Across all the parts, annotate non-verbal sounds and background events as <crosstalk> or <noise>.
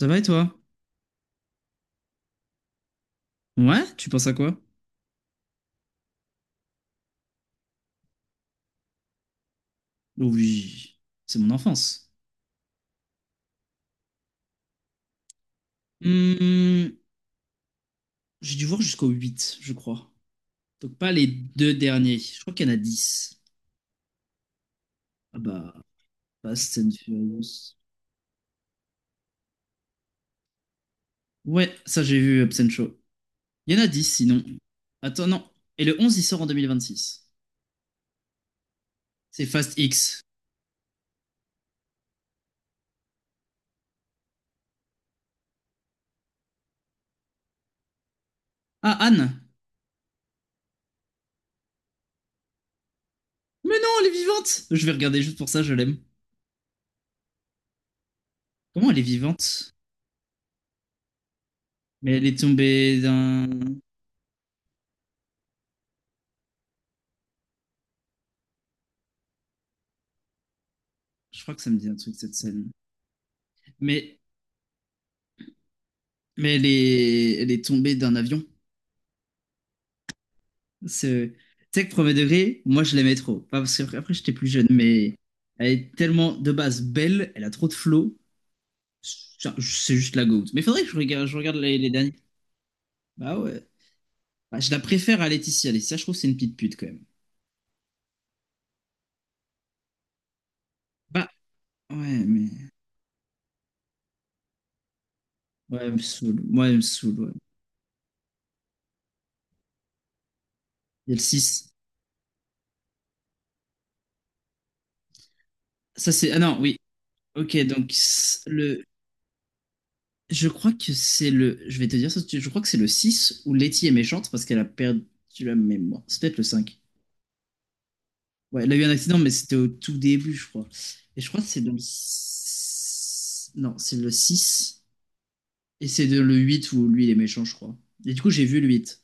Ça va et toi? Ouais, tu penses à quoi? Oh, oui, c'est mon enfance. Hmm, j'ai dû voir jusqu'au 8, je crois. Donc pas les deux derniers. Je crois qu'il y en a 10. Ah bah, Fast and Furious. Ouais, ça j'ai vu Hobbs and Shaw. Il y en a 10 sinon. Attends, non. Et le 11 il sort en 2026. C'est Fast X. Ah, Anne! Mais non, elle est vivante! Je vais regarder juste pour ça, je l'aime. Comment elle est vivante? Mais elle est tombée d'un. Je crois que ça me dit un truc, cette scène. Mais Mais elle est tombée d'un avion. C'est- Tu sais que premier degré, moi je l'aimais trop. Pas parce que après j'étais plus jeune, mais elle est tellement de base belle, elle a trop de flow. C'est juste la goutte. Mais faudrait que je regarde, je regarde les derniers. Bah ouais. Bah, je la préfère à Laetitia. Laetitia, je trouve que c'est une petite pute quand même. Bah ouais, mais. Ouais, elle me saoule. Moi, elle me saoule. Ouais. Il y a le six. Ça c'est. Ah non, oui. Ok, donc le. Je crois que c'est le. Je vais te dire ça, tout de suite. Je crois que c'est le 6 où Letty est méchante parce qu'elle a perdu la mémoire. C'est peut-être le 5. Ouais, elle a eu un accident, mais c'était au tout début, je crois. Et je crois que c'est dans le. Non, c'est le six. Et c'est de le 8 où lui, il est méchant, je crois. Et du coup, j'ai vu le 8.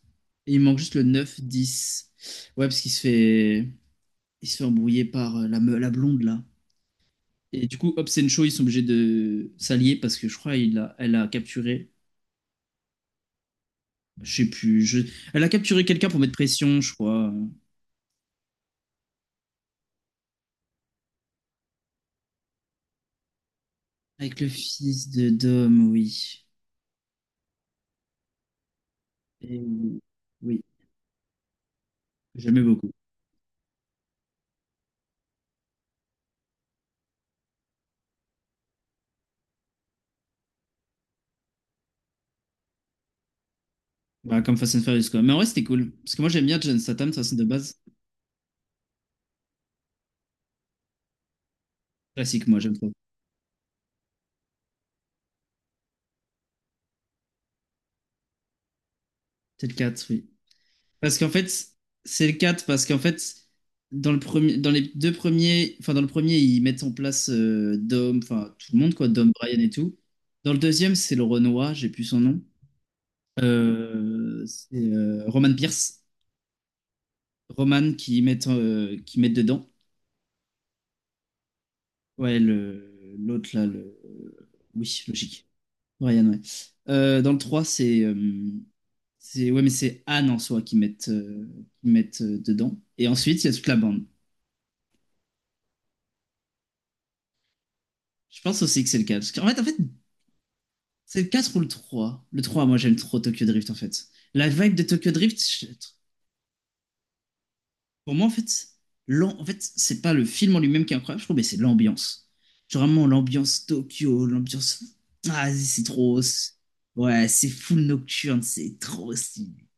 Et il manque juste le 9, 10. Ouais, parce qu'il se fait. Il se fait embrouiller par la blonde, là. Et du coup, Hobbs et Shaw, ils sont obligés de s'allier parce que je crois. Elle a capturé. Je sais plus. Je. Elle a capturé quelqu'un pour mettre pression, je crois. Avec le fils de Dom, oui. Et oui, oui, j'aimais beaucoup. Bah, comme Fast and Furious, quoi. Mais en vrai, c'était cool. Parce que moi, j'aime bien John Statham, ça c'est de base. Classique, moi, j'aime trop. C'est le 4, oui. Parce qu'en fait, c'est le quatre. Parce qu'en fait, dans le premier, dans les deux premiers, enfin, dans le premier, ils mettent en place Dom, enfin, tout le monde, quoi, Dom, Brian et tout. Dans le deuxième, c'est le Renoir, j'ai plus son nom. C'est Roman Pierce. Roman qui mettent dedans. Ouais, le, l'autre là, le. Oui, logique. Ryan, ouais. Dans le 3 c'est. C'est ouais, mais c'est Anne en soi qui mettent dedans. Et ensuite, il y a toute la bande. Je pense aussi que c'est le quatre. Parce qu'en fait, c'est le quatre ou le 3. Le 3 moi, j'aime trop Tokyo Drift, en fait. La vibe de Tokyo Drift, pour moi, en fait, en fait, c'est pas le film en lui-même qui est incroyable, je trouve, mais c'est l'ambiance. Genre vraiment, l'ambiance Tokyo, l'ambiance. Ah, c'est trop. Ouais, c'est full nocturne, c'est trop stylé.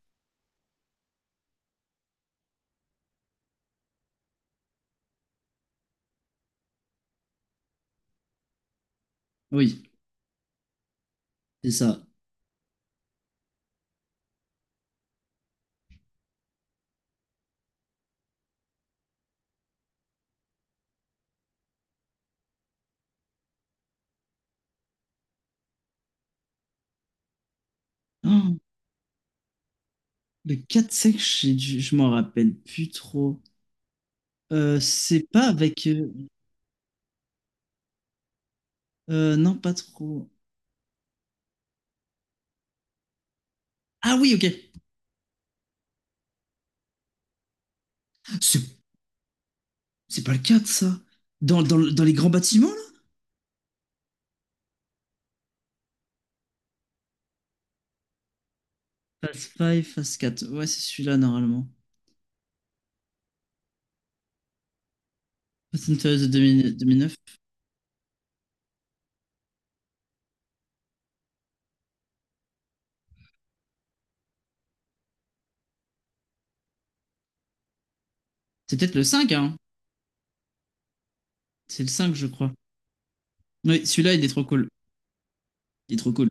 Oui, c'est ça. Oh, le quatre cinq je m'en rappelle plus trop. C'est pas avec. Non, pas trop. Ah oui, ok. C'est c'est pas le 4 ça. Dans les grands bâtiments, là? Phase 5, Phase quatre. Ouais, c'est celui-là, normalement. Fast and Furious de deux mille neuf. C'est peut-être le 5 hein. C'est le 5, je crois. Oui, celui-là, il est trop cool. Il est trop cool.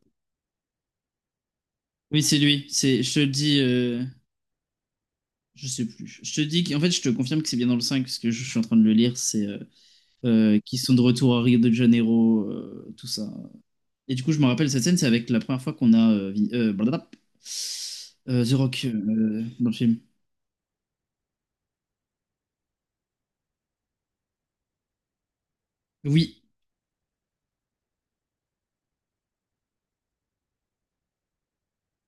Oui, c'est lui. C'est, je te le dis, je sais plus. Je te dis qu'en fait, je te confirme que c'est bien dans le 5, parce que je suis en train de le lire. C'est qu'ils sont de retour à Rio de Janeiro, tout ça. Et du coup, je me rappelle cette scène, c'est avec la première fois qu'on a blablabla, The Rock dans le film. Oui,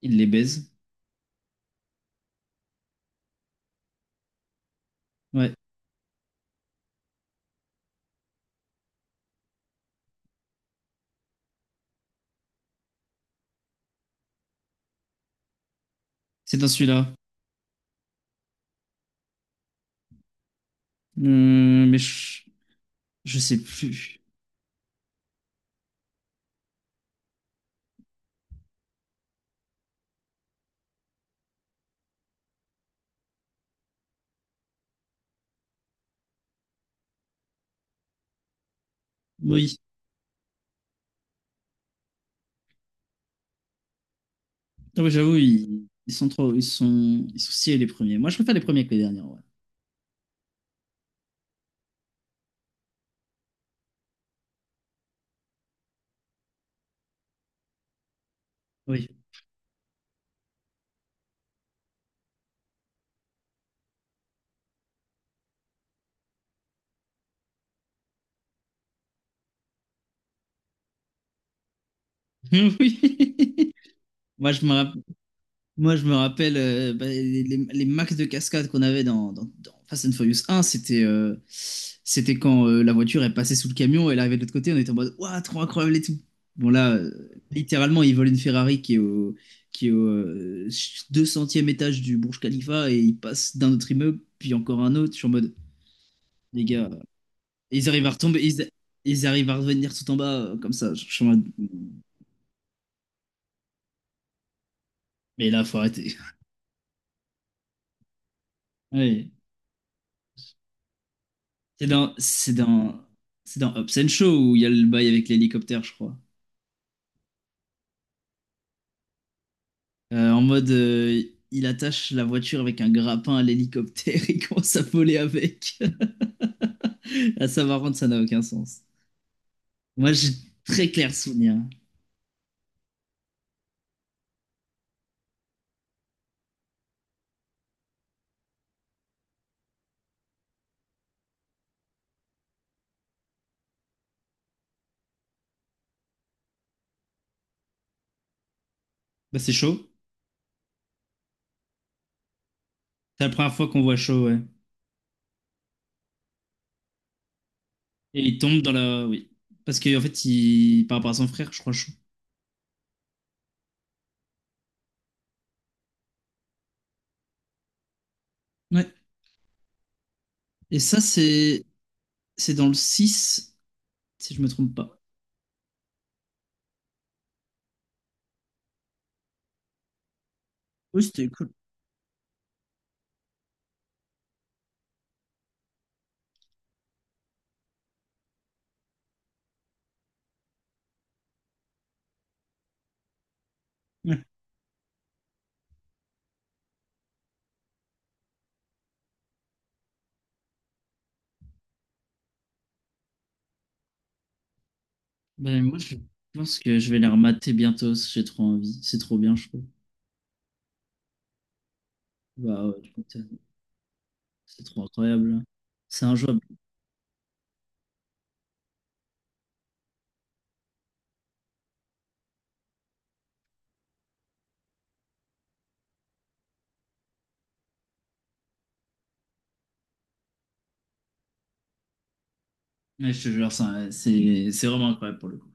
il les baise. Ouais, c'est dans celui-là. Mais je sais plus. Oui, ah ouais, j'avoue, ils sont trop, ils sont sciés les premiers. Moi, je préfère les premiers que les derniers, ouais. Oui. <laughs> Oui. Moi, je me rappelle, moi, je me rappelle bah, les max de cascade qu'on avait dans Fast and Furious 1, c'était quand la voiture est passée sous le camion, et elle arrivait de l'autre côté, on était en mode, waouh, trop incroyable et tout. Bon, là, littéralement, ils volent une Ferrari qui est au 200e étage du Burj Khalifa et ils passent d'un autre immeuble, puis encore un autre. Je suis en mode, les gars. Et ils arrivent à retomber, ils arrivent à revenir tout en bas, comme ça. Je suis en mode, mais là, faut arrêter. <laughs> Ouais. C'est dans, c'est dans, c'est dans Hobbs and Shaw où il y a le bail avec l'hélicoptère, je crois. En mode, il attache la voiture avec un grappin à l'hélicoptère <laughs> et commence à voler avec. <laughs> À savoir rendre ça n'a aucun sens. Moi, j'ai très clair souvenir. Bah, c'est chaud. C'est la première fois qu'on voit chaud, ouais. Et il tombe dans la. Oui. Parce que en fait, il. Par rapport à son frère, je crois chaud. Et ça, c'est. C'est dans le 6 si je me trompe pas. Oui, c'était cool. Ouais. Ben, moi, je pense que je vais les remater bientôt, parce que j'ai trop envie. C'est trop bien, je trouve. Bah, ouais, putain, c'est trop incroyable. C'est injouable. Ouais, je te jure, ça, c'est vraiment incroyable pour le coup.